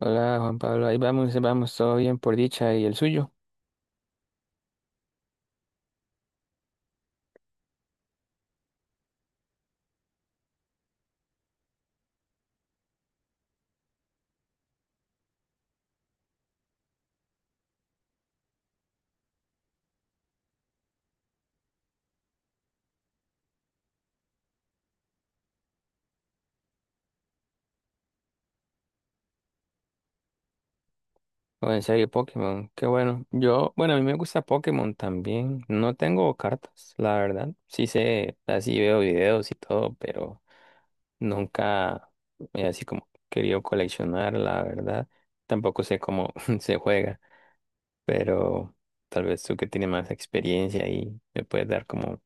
Hola Juan Pablo, ahí vamos, todo bien por dicha, ¿y el suyo? O en serio, Pokémon, qué bueno. Yo, bueno, a mí me gusta Pokémon también, no tengo cartas, la verdad, sí sé, así veo videos y todo, pero nunca he así como querido coleccionar, la verdad, tampoco sé cómo se juega, pero tal vez tú que tienes más experiencia ahí me puedes dar como,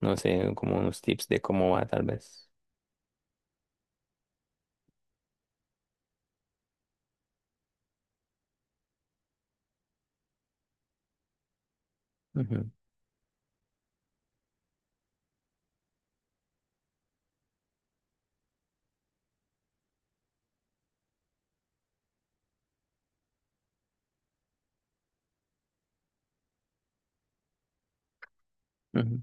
no sé, como unos tips de cómo va tal vez. Ujú, ujú.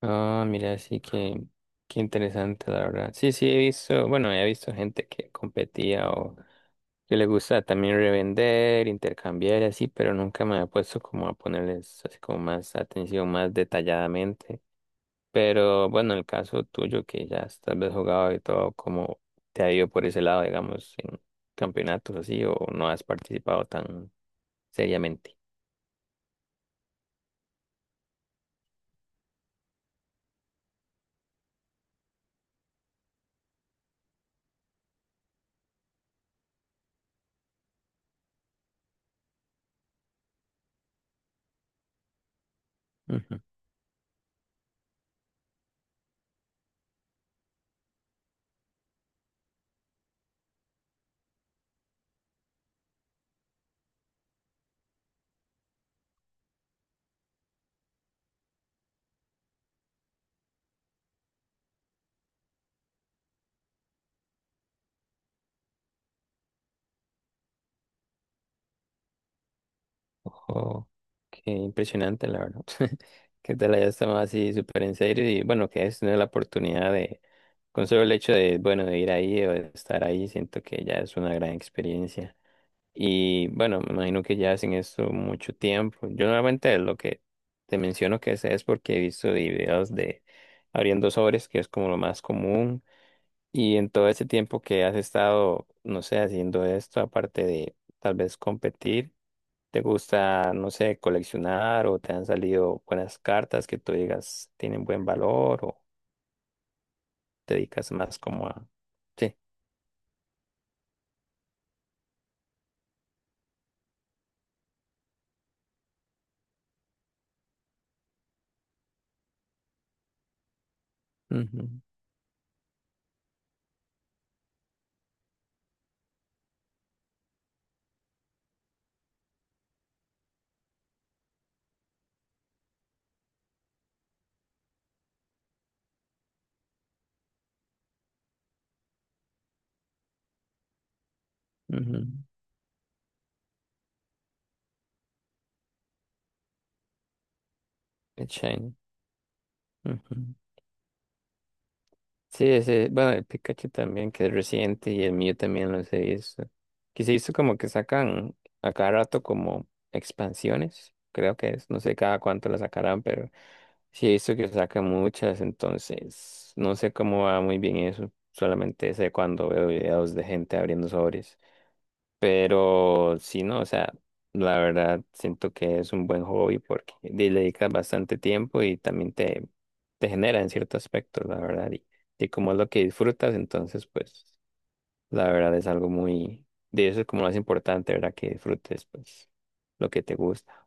Ah, mira, sí que qué interesante, la verdad. Sí, sí, he visto, bueno, he visto gente que competía o que le gusta también revender, intercambiar y así, pero nunca me ha puesto como a ponerles así como más atención, más detalladamente. Pero bueno, el caso tuyo que ya has tal vez jugado y todo, ¿cómo te ha ido por ese lado, digamos, en campeonatos así, o no has participado tan seriamente? Ojo, qué impresionante, la verdad. Que te la hayas tomado así súper en serio, y bueno, que es tener la oportunidad de, con solo el hecho de, bueno, de ir ahí o de estar ahí, siento que ya es una gran experiencia. Y bueno, me imagino que ya hacen esto mucho tiempo. Yo normalmente lo que te menciono que sé es porque he visto videos de abriendo sobres, que es como lo más común. Y en todo ese tiempo que has estado, no sé, haciendo esto, aparte de tal vez competir. ¿Te gusta, no sé, coleccionar, o te han salido buenas cartas que tú digas tienen buen valor, o te dedicas más como a... Sí. Ujú, ujú, el Shiny. Ujú. Sí, sí, bueno, el Pikachu también, que es reciente, y el mío también lo he visto. Que se hizo como que sacan a cada rato como expansiones, creo que es, no sé cada cuánto la sacarán, pero sí he visto que sacan muchas, entonces no sé cómo va muy bien eso, solamente sé cuando veo videos de gente abriendo sobres. Pero sí, no, o sea, la verdad siento que es un buen hobby porque le dedicas bastante tiempo y también te genera en cierto aspecto, la verdad. Y como es lo que disfrutas, entonces, pues, la verdad es algo muy, de eso es como lo más importante, ¿verdad? Que disfrutes, pues, lo que te gusta.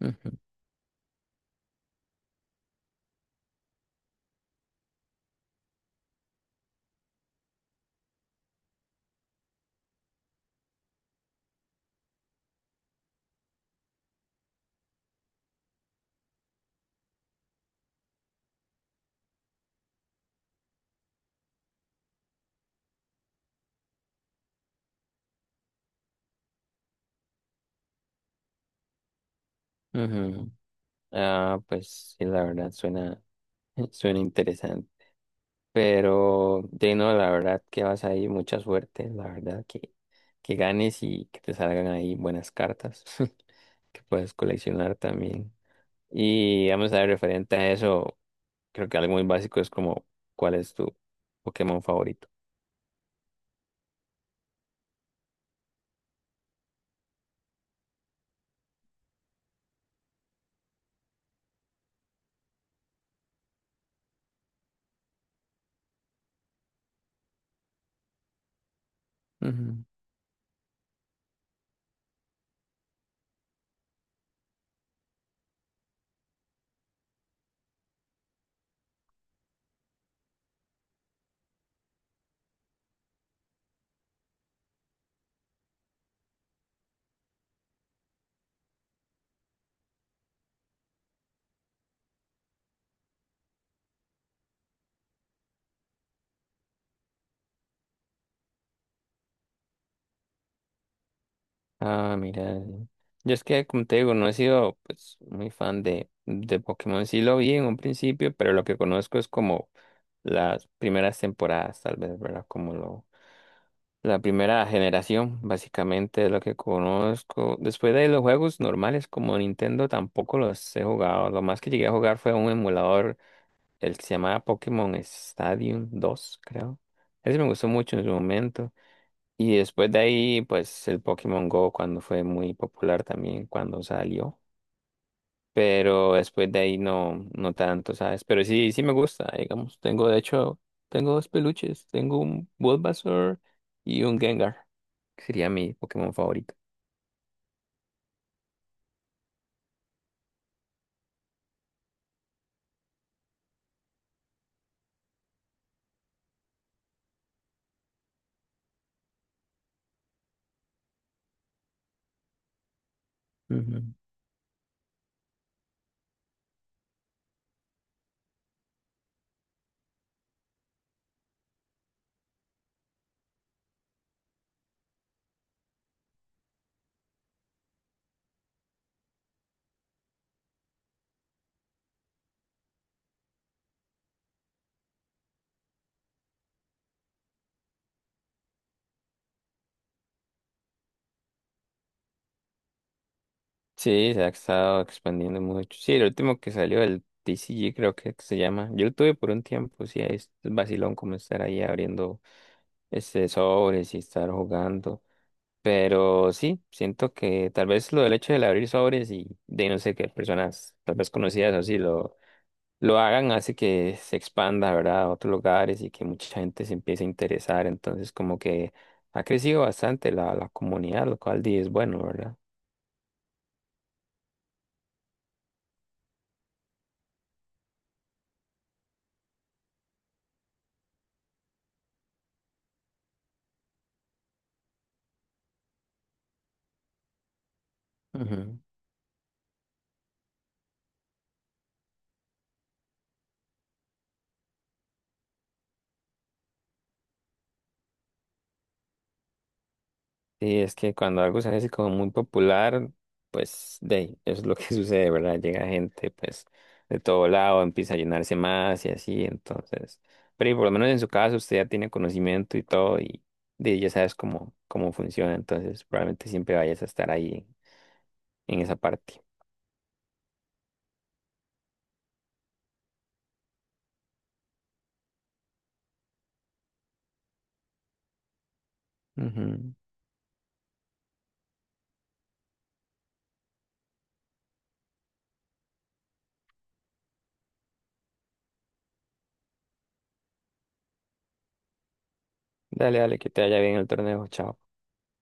Ujú, ujú. Ah, pues sí, la verdad suena, suena interesante. Pero, de no, la verdad que vas ahí, mucha suerte, la verdad que ganes y que te salgan ahí buenas cartas que puedes coleccionar también. Y vamos a ver, referente a eso, creo que algo muy básico es como, ¿cuál es tu Pokémon favorito? Ujú. Ah, mira, yo es que, como te digo, no he sido pues muy fan de Pokémon, sí lo vi en un principio, pero lo que conozco es como las primeras temporadas, tal vez, ¿verdad? Como lo... La primera generación, básicamente, es lo que conozco. Después de los juegos normales como Nintendo, tampoco los he jugado. Lo más que llegué a jugar fue un emulador, el que se llamaba Pokémon Stadium 2, creo. Ese me gustó mucho en su momento. Y después de ahí, pues el Pokémon Go, cuando fue muy popular también, cuando salió, pero después de ahí no, no tanto, ¿sabes? Pero sí, sí me gusta, digamos. Tengo, de hecho, tengo dos peluches. Tengo un Bulbasaur y un Gengar, que sería mi Pokémon favorito. Ujú. Sí, se ha estado expandiendo mucho. Sí, el último que salió, el TCG creo que se llama. Yo lo tuve por un tiempo, sí, es vacilón como estar ahí abriendo este sobres y estar jugando. Pero sí, siento que tal vez lo del hecho de abrir sobres y de no sé qué personas tal vez conocidas o así lo hagan hace que se expanda, ¿verdad? A otros lugares y que mucha gente se empiece a interesar. Entonces como que ha crecido bastante la comunidad, lo cual di es bueno, ¿verdad? Sí, es que cuando algo se hace como muy popular, pues de ahí, eso es lo que sucede, ¿verdad? Llega gente pues de todo lado, empieza a llenarse más y así, entonces, pero y por lo menos en su caso usted ya tiene conocimiento y todo y de, ya sabes cómo, cómo funciona, entonces probablemente siempre vayas a estar ahí en, esa parte. Ujú. Dale, dale, que te vaya bien el torneo, chao.